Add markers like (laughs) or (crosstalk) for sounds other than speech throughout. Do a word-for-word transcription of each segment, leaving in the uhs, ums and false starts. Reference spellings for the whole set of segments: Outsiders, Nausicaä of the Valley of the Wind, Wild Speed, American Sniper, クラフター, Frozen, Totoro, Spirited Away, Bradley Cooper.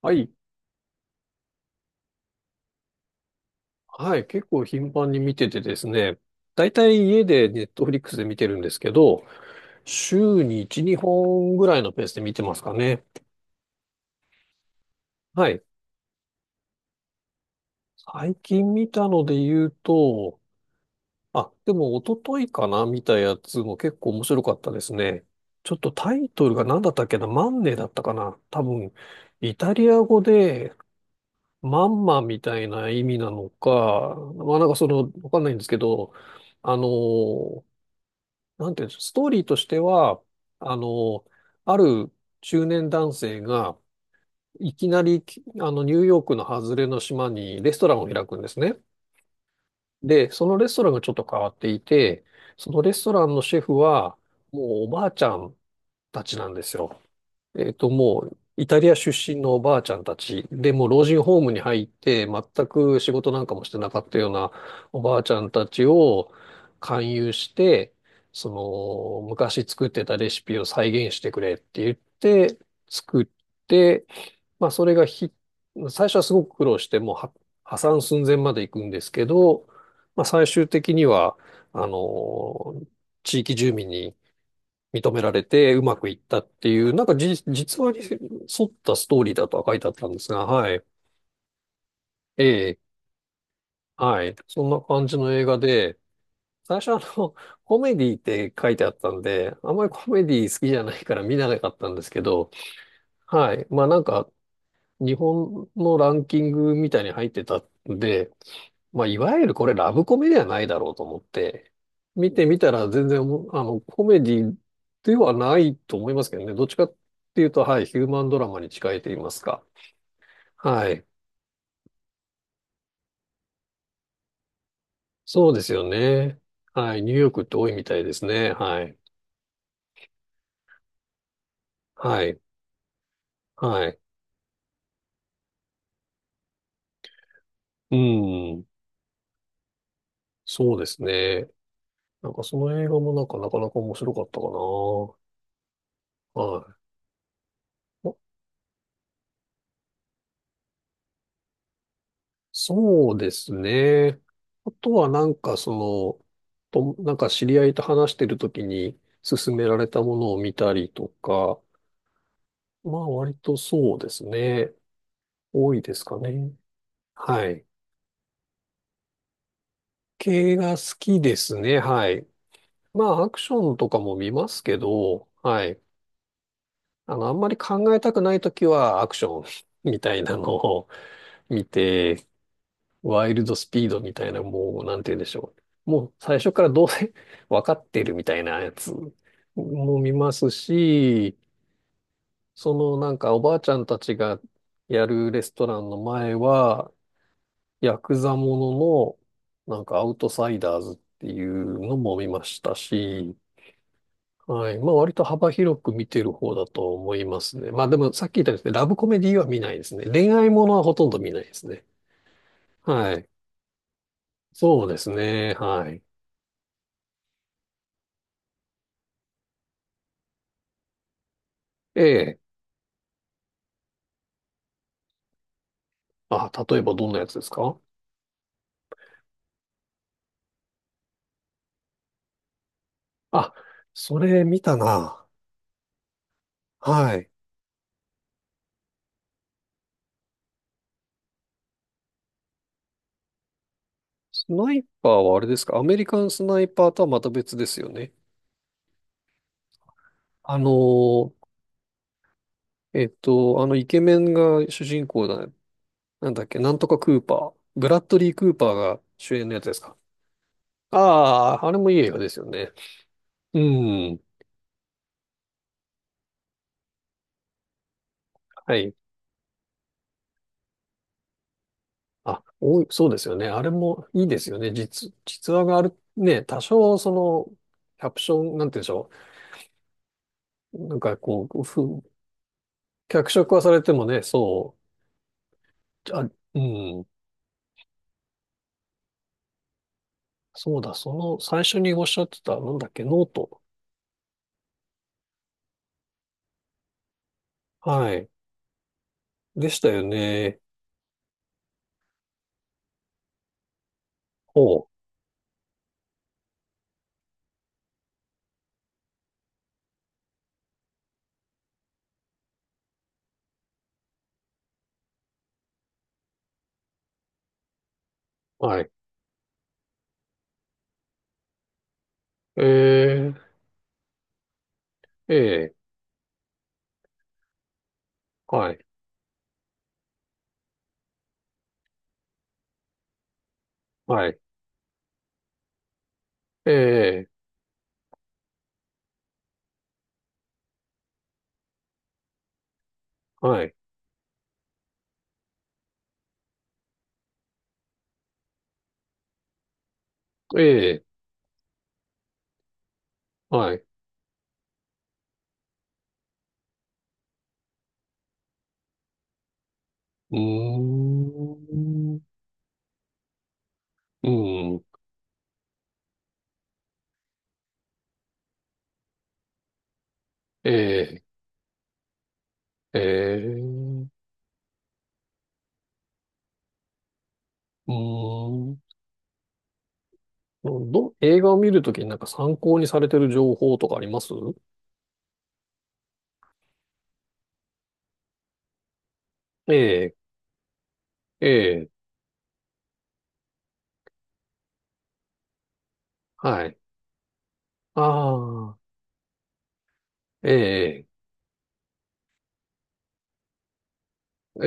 はい。はい。結構頻繁に見ててですね。だいたい家でネットフリックスで見てるんですけど、週にいち、にほんぐらいのペースで見てますかね。はい。最近見たので言うと、あ、でも一昨日かな見たやつも結構面白かったですね。ちょっとタイトルが何だったっけなマンネだったかな多分、イタリア語でマンマみたいな意味なのか、まあなんかその、わかんないんですけど、あのーなんていうんですか、ストーリーとしては、あの、ある中年男性が、いきなり、きあの、ニューヨークの外れの島にレストランを開くんですね。で、そのレストランがちょっと変わっていて、そのレストランのシェフは、もうおばあちゃんたちなんですよ。えっと、もう、イタリア出身のおばあちゃんたちで、もう老人ホームに入って、全く仕事なんかもしてなかったようなおばあちゃんたちを勧誘して、その、昔作ってたレシピを再現してくれって言って、作って、まあ、それがひ、最初はすごく苦労して、もうは破産寸前まで行くんですけど、まあ、最終的には、あの、地域住民に認められてうまくいったっていう、なんかじ、実話に沿ったストーリーだとは書いてあったんですが、はい。ええ、はい。そんな感じの映画で、最初あの、(laughs) コメディって書いてあったんで、あんまりコメディ好きじゃないから見なかったんですけど、はい。まあなんか、日本のランキングみたいに入ってたんで、まあ、いわゆるこれラブコメではないだろうと思って、見てみたら全然おも、あの、コメディではないと思いますけどね。どっちかっていうと、はい、ヒューマンドラマに近いと言いますか。はい。そうですよね。はい。ニューヨークって多いみたいですね。はい。はい。はい。うん。そうですね。なんかその映画もなんかなかなか面白かったかな。はい。そうですね。あとはなんかその、と、なんか知り合いと話してるときに勧められたものを見たりとか、まあ割とそうですね。多いですかね。はい。系が好きですね。はい。まあアクションとかも見ますけど、はい。あの、あんまり考えたくないときはアクション (laughs) みたいなのを見て、ワイルドスピードみたいな、もう、なんて言うんでしょう。もう最初からどうせ (laughs) 分かってるみたいなやつも見ますし、そのなんかおばあちゃんたちがやるレストランの前は、ヤクザもののなんかアウトサイダーズっていうのも見ましたし、はい。まあ割と幅広く見てる方だと思いますね。まあでもさっき言ったようにですね、ラブコメディは見ないですね。恋愛ものはほとんど見ないですね。はい。そうですね。はい。ええ。あ、例えばどんなやつですか。あ、それ見たな。はい。スナイパーはあれですか、アメリカンスナイパーとはまた別ですよね。あのーえっと、あのイケメンが主人公だね。なんだっけなんとかクーパー。ブラッドリー・クーパーが主演のやつですか。ああー、あれもいい映画ですよね。うん。はい。あ、おい、そうですよね。あれもいいですよね。実、実話がある。ね、多少その、キャプション、なんて言うんでしょう。なんかこう、ふ脚色はされてもね、そう、あ、うん、そうだ、その最初におっしゃってた、なんだっけ、ノート。はい。でしたよね。ほう。はい。えー、えー、はい。はい。えー、はい。えー、はい。うーん、うん、えー、えー、うーん。ど、映画を見るときになんか参考にされてる情報とかあります。ええ、ええ、はい。ああ、ええ。え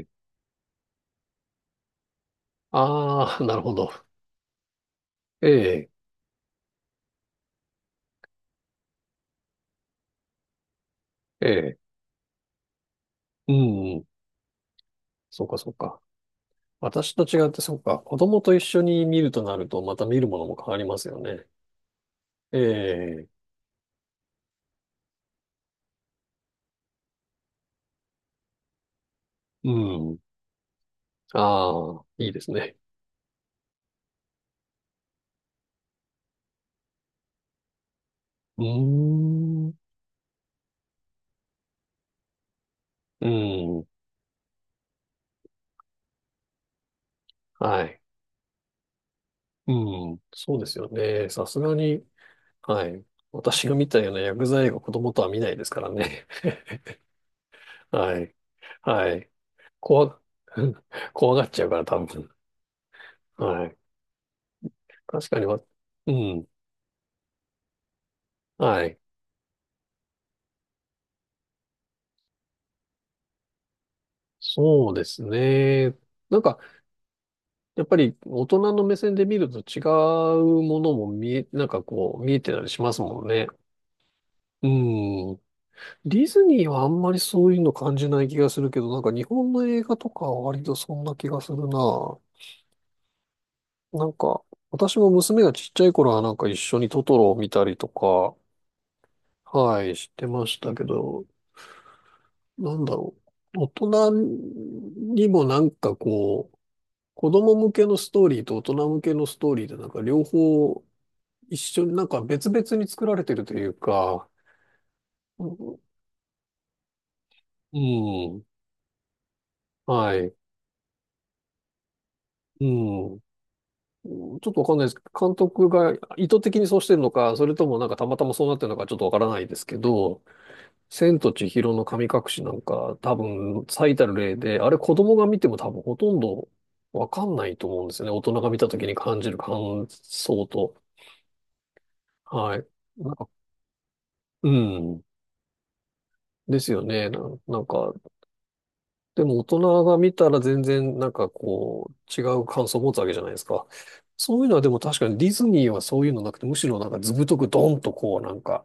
え。ああ、(laughs) なるほど。ええ、ええ。うん。そうか、そうか。私と違って、そうか。子供と一緒に見るとなると、また見るものも変わりますよね。ええ。うん。ああ、いいですね。うーん。うん。はい。うん。そうですよね。さすがに、はい。私が見たような薬剤映画、子供とは見ないですからね。(laughs) はい。はい。怖、(laughs) 怖がっちゃうから、多分。はい。確かにわ、うん。はい。そうですね。なんか、やっぱり大人の目線で見ると違うものも見え、なんかこう、見えてたりしますもんね。うん。ディズニーはあんまりそういうの感じない気がするけど、なんか日本の映画とかは割とそんな気がするな。なんか、私も娘がちっちゃい頃はなんか一緒にトトロを見たりとか、はい、してましたけど、なんだろう。大人にもなんかこう、子供向けのストーリーと大人向けのストーリーでなんか両方一緒になんか別々に作られてるというか、うん、うん、はい、うん。ちょっとわかんないですけど、監督が意図的にそうしてるのか、それともなんかたまたまそうなってるのかちょっとわからないですけど、千と千尋の神隠しなんか多分最たる例で、あれ子供が見ても多分ほとんどわかんないと思うんですよね。大人が見た時に感じる感想と。はい。なんか、うん。ですよね。な、なんか、でも大人が見たら全然なんかこう違う感想を持つわけじゃないですか。そういうのはでも確かにディズニーはそういうのなくて、むしろなんか図太くドンとこうなんか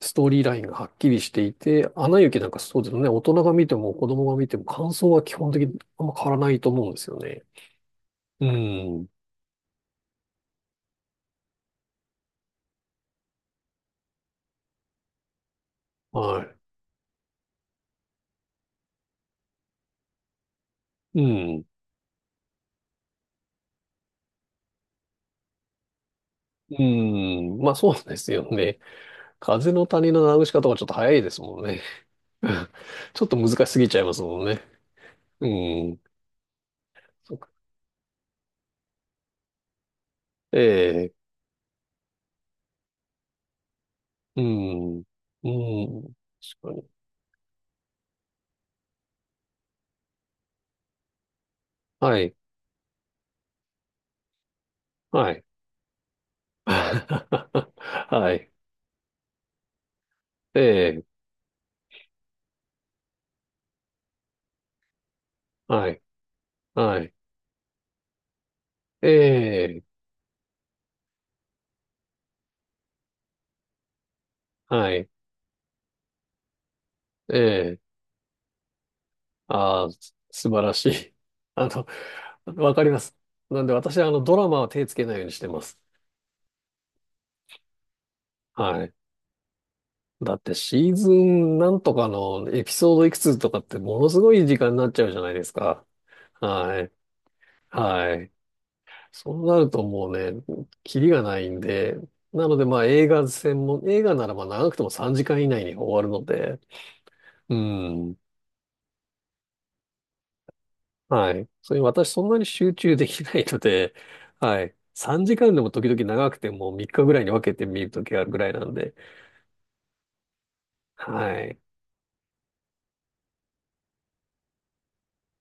ストーリーラインがはっきりしていて、アナ雪なんかそうですね。大人が見ても子供が見ても感想は基本的にあんま変わらないと思うんですよね。うん。はい。うん。うん。まあそうですよね。風の谷のナウシカとかちょっと早いですもんね。(laughs) ちょっと難しすぎちゃいますもんね。うん。そうか。ええ、うん、うん、確かに。はい、はい。(laughs) はい、ええ、はい、はい、ええ、はい、ええ、ああ、す素晴らしい。(laughs) あの、わかります。なんで私、あの、ドラマは手つけないようにしてます。はい。だってシーズンなんとかのエピソードいくつとかってものすごい時間になっちゃうじゃないですか。はい。はい。そうなるともうね、キリがないんで、なのでまあ映画専門、映画ならば長くてもさんじかん以内に終わるので、うん、はい。それに私そんなに集中できないので、はい。さんじかんでも時々長くてもみっかぐらいに分けて見るときあるぐらいなんで、はい。